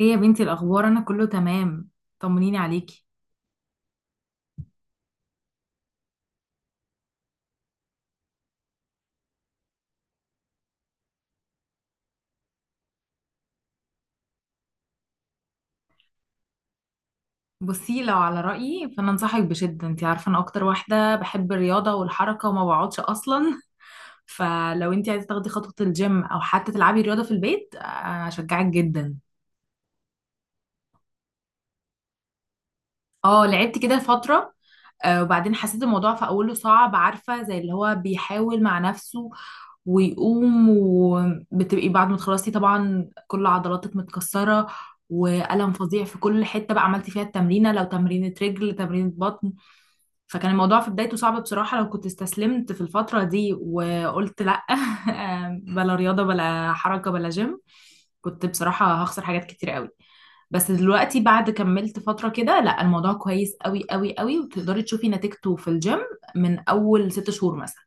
ايه يا بنتي الاخبار، انا كله تمام. طمنيني عليكي. بصي، لو على رايي فانا انصحك بشده. انت عارفه انا اكتر واحده بحب الرياضه والحركه وما بقعدش اصلا. فلو انت عايزه تاخدي خطوه الجيم او حتى تلعبي رياضه في البيت، اشجعك جدا. اه، لعبت كده فتره. وبعدين حسيت الموضوع في اوله صعب، عارفه زي اللي هو بيحاول مع نفسه ويقوم، وبتبقي بعد ما تخلصي طبعا كل عضلاتك متكسرة وألم فظيع في كل حتة بقى عملتي فيها التمرينة، لو تمرينة رجل تمرينة بطن. فكان الموضوع في بدايته صعب بصراحة. لو كنت استسلمت في الفترة دي وقلت لأ بلا رياضة بلا حركة بلا جيم، كنت بصراحة هخسر حاجات كتير قوي. بس دلوقتي بعد كملت فترة كده لا، الموضوع كويس قوي قوي قوي، وتقدري تشوفي نتيجته في الجيم من أول 6 شهور مثلا.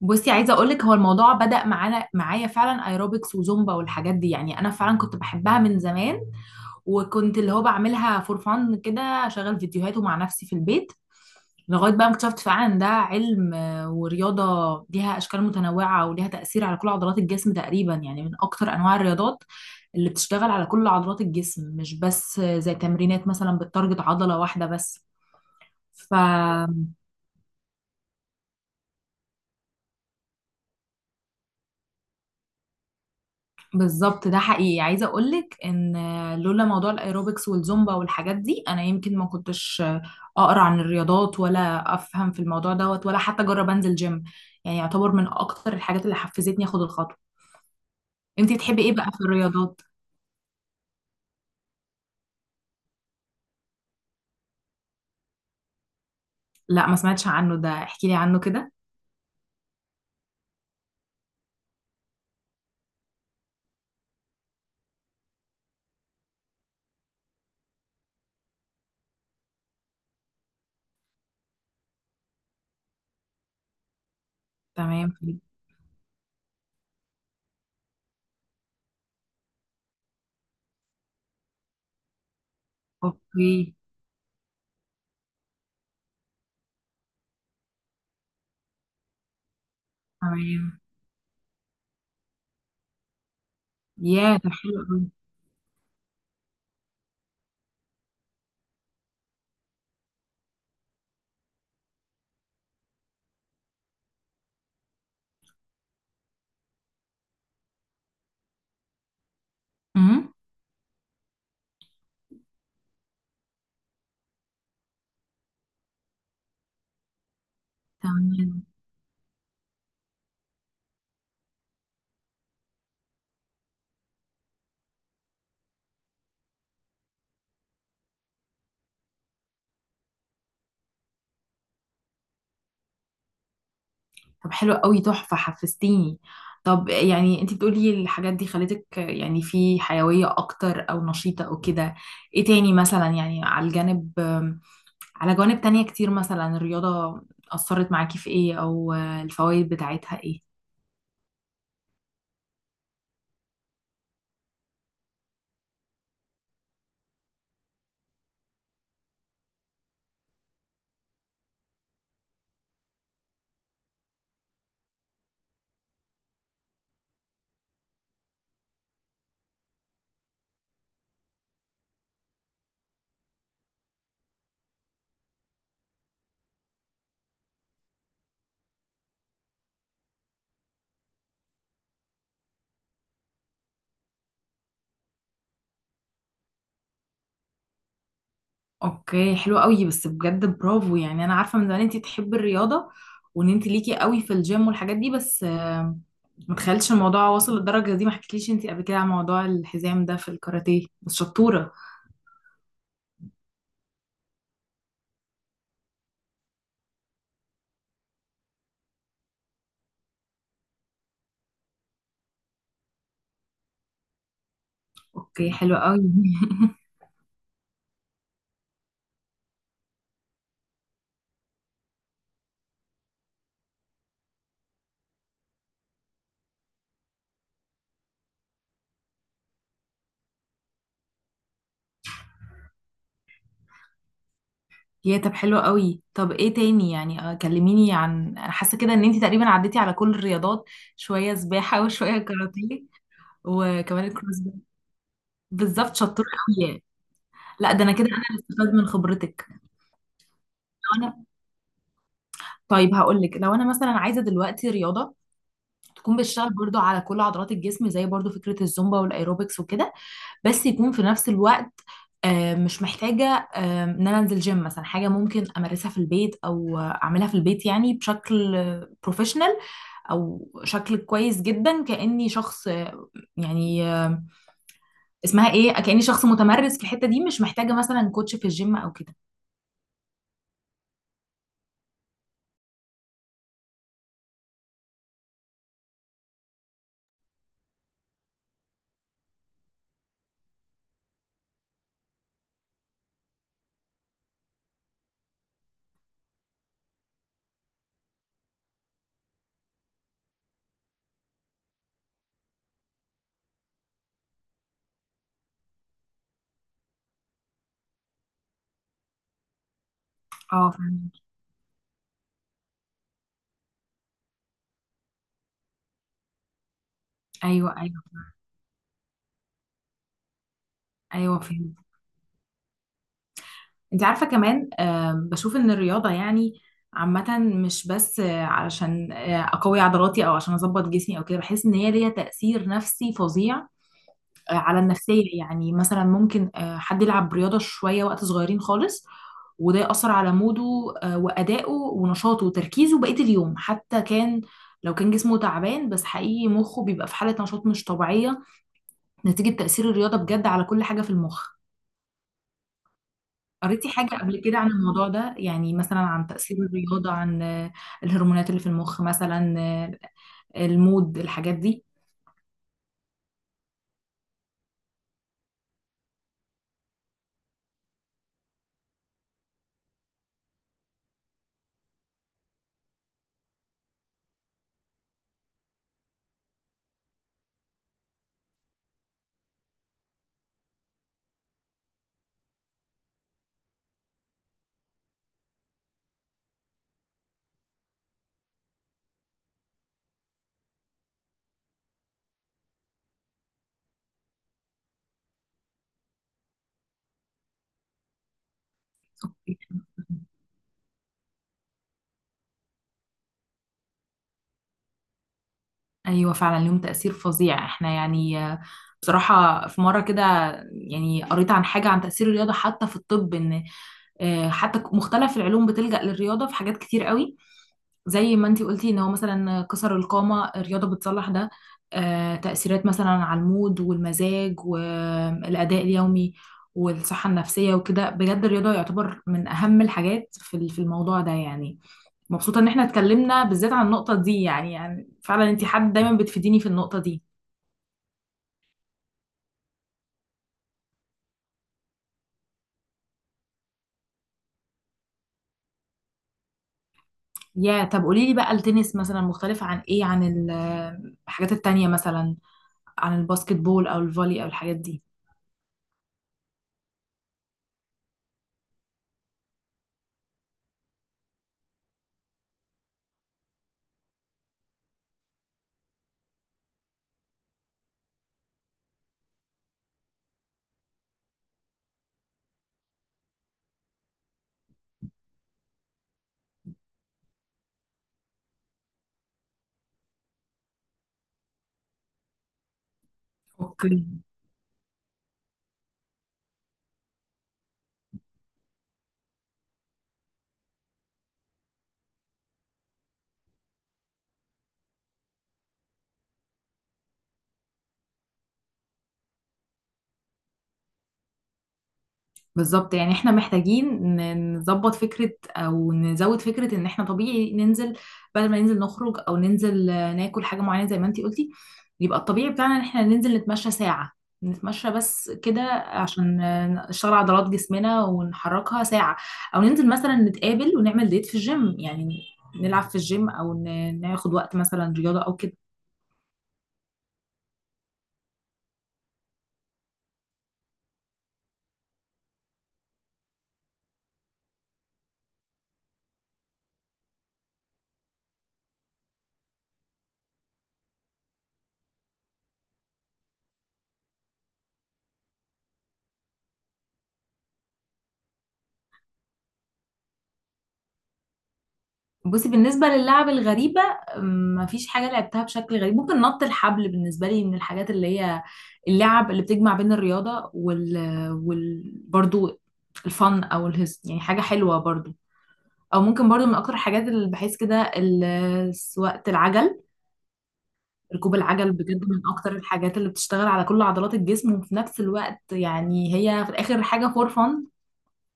بصي، عايزه اقول لك هو الموضوع بدأ معايا فعلا ايروبكس وزومبا والحاجات دي. يعني انا فعلا كنت بحبها من زمان، وكنت اللي هو بعملها فور فان كده، اشغل فيديوهاته مع نفسي في البيت، لغايه بقى ما اكتشفت فعلا إن ده علم ورياضه ليها اشكال متنوعه وليها تأثير على كل عضلات الجسم تقريبا. يعني من اكتر انواع الرياضات اللي بتشتغل على كل عضلات الجسم، مش بس زي تمرينات مثلا بتتارجت عضله واحده بس. بالظبط، ده حقيقي. عايزه اقولك ان لولا موضوع الايروبكس والزومبا والحاجات دي انا يمكن ما كنتش اقرا عن الرياضات ولا افهم في الموضوع دوت ولا حتى اجرب انزل جيم. يعني يعتبر من اكتر الحاجات اللي حفزتني اخد الخطوه. انتي تحبي ايه بقى في الرياضات؟ لا، ما سمعتش عنه، ده احكي لي عنه كده. تمام. اوكي. تمام. يا ده حلو قوي. أمم، تمام. طب حلو قوي، تحفة، حفزتيني. طب يعني انت بتقولي الحاجات دي خلتك يعني في حيوية اكتر او نشيطة او كده. ايه تاني مثلا يعني، على الجانب، على جوانب تانية كتير مثلا الرياضة اثرت معاكي في ايه؟ او الفوائد بتاعتها ايه؟ اوكي، حلو قوي، بس بجد برافو. يعني انا عارفة من زمان انت تحبي الرياضة وان انت ليكي قوي في الجيم والحاجات دي، بس ما تخيلش الموضوع واصل للدرجة دي. ما حكيتليش انت قبل كده عن موضوع الحزام ده في الكاراتيه. بس شطورة. اوكي حلو قوي. يا طب حلو قوي، طب ايه تاني يعني، كلميني. عن انا حاسه كده ان انت تقريبا عديتي على كل الرياضات، شويه سباحه وشويه كاراتيه وكمان الكروس بالظبط، شطوره قوي يعني. لا، ده انا كده انا اللي استفاد من خبرتك. لو انا طيب هقول لك، لو انا مثلا عايزه دلوقتي رياضه تكون بتشتغل برضو على كل عضلات الجسم، زي برضو فكره الزومبا والايروبكس وكده، بس يكون في نفس الوقت مش محتاجة إن أنا أنزل جيم مثلا. حاجة ممكن أمارسها في البيت، أو أعملها في البيت يعني بشكل بروفيشنال، أو شكل كويس جدا، كأني شخص يعني اسمها إيه، كأني شخص متمرس في الحتة دي، مش محتاجة مثلا كوتش في الجيم أو كده. اه فهمت. أيوه أيوه أيوه فهمت. انت عارفة كمان بشوف ان الرياضة يعني عامة، مش بس علشان اقوي عضلاتي او عشان اظبط جسمي او كده، بحس ان هي ليها تأثير نفسي فظيع على النفسية. يعني مثلا ممكن حد يلعب رياضة شوية وقت صغيرين خالص، وده يأثر على موده وأدائه ونشاطه وتركيزه بقية اليوم، حتى كان لو كان جسمه تعبان، بس حقيقي مخه بيبقى في حالة نشاط مش طبيعية نتيجة تأثير الرياضة بجد على كل حاجة في المخ. قريتي حاجة قبل كده عن الموضوع ده؟ يعني مثلا عن تأثير الرياضة، عن الهرمونات اللي في المخ مثلا، المود الحاجات دي. أوكي. أيوة فعلا ليهم تأثير فظيع. احنا يعني بصراحة في مرة كده يعني قريت عن حاجة عن تأثير الرياضة حتى في الطب. إن حتى مختلف العلوم بتلجأ للرياضة في حاجات كتير قوي، زي ما انتي قلتي ان هو مثلا كسر القامة الرياضة بتصلح ده. تأثيرات مثلا على المود والمزاج والأداء اليومي والصحة النفسية وكده، بجد الرياضة يعتبر من أهم الحاجات في في الموضوع ده يعني. مبسوطة إن احنا اتكلمنا بالذات عن النقطة دي، يعني فعلا انتي حد دايما بتفيديني في النقطة دي. يا طب قولي لي بقى، التنس مثلا مختلف عن ايه؟ عن الحاجات التانية مثلا، عن الباسكت بول أو الفولي أو الحاجات دي. اوكي. بالظبط، يعني احنا محتاجين نظبط فكرة او نزود فكرة ان احنا طبيعي ننزل. بدل ما ننزل نخرج، او ننزل ناكل حاجة معينة زي ما انتي قلتي، يبقى الطبيعي بتاعنا ان احنا ننزل نتمشى ساعة. نتمشى بس كده عشان نشتغل عضلات جسمنا ونحركها ساعة، او ننزل مثلا نتقابل ونعمل ديت في الجيم. يعني نلعب في الجيم، او ناخد وقت مثلا رياضة او كده. بصي، بالنسبة للعب الغريبة مفيش حاجة لعبتها بشكل غريب. ممكن نط الحبل بالنسبة لي من الحاجات اللي هي اللعب اللي بتجمع بين الرياضة وال... برضو الفن أو الهز، يعني حاجة حلوة برضو. أو ممكن برضو من أكتر الحاجات اللي بحس كده سواقة العجل. ركوب العجل بجد من أكتر الحاجات اللي بتشتغل على كل عضلات الجسم وفي نفس الوقت يعني هي في الآخر حاجة فور فن.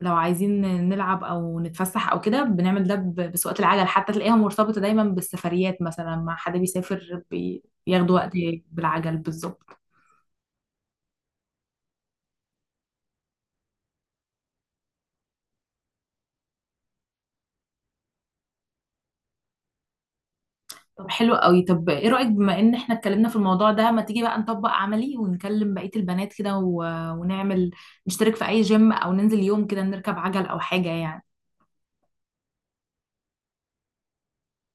لو عايزين نلعب او نتفسح او كده بنعمل ده بسواقة العجل، حتى تلاقيها مرتبطة دايما بالسفريات، مثلا مع حد بيسافر بياخدوا وقت بالعجل. بالظبط. طب حلو قوي. طب ايه رأيك، بما ان احنا اتكلمنا في الموضوع ده، ما تيجي بقى نطبق عملي ونكلم بقية البنات كده ونعمل نشترك في اي جيم، او ننزل يوم كده نركب عجل او حاجة يعني.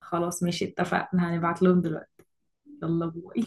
خلاص ماشي اتفقنا، هنبعت لهم دلوقتي. يلا باي.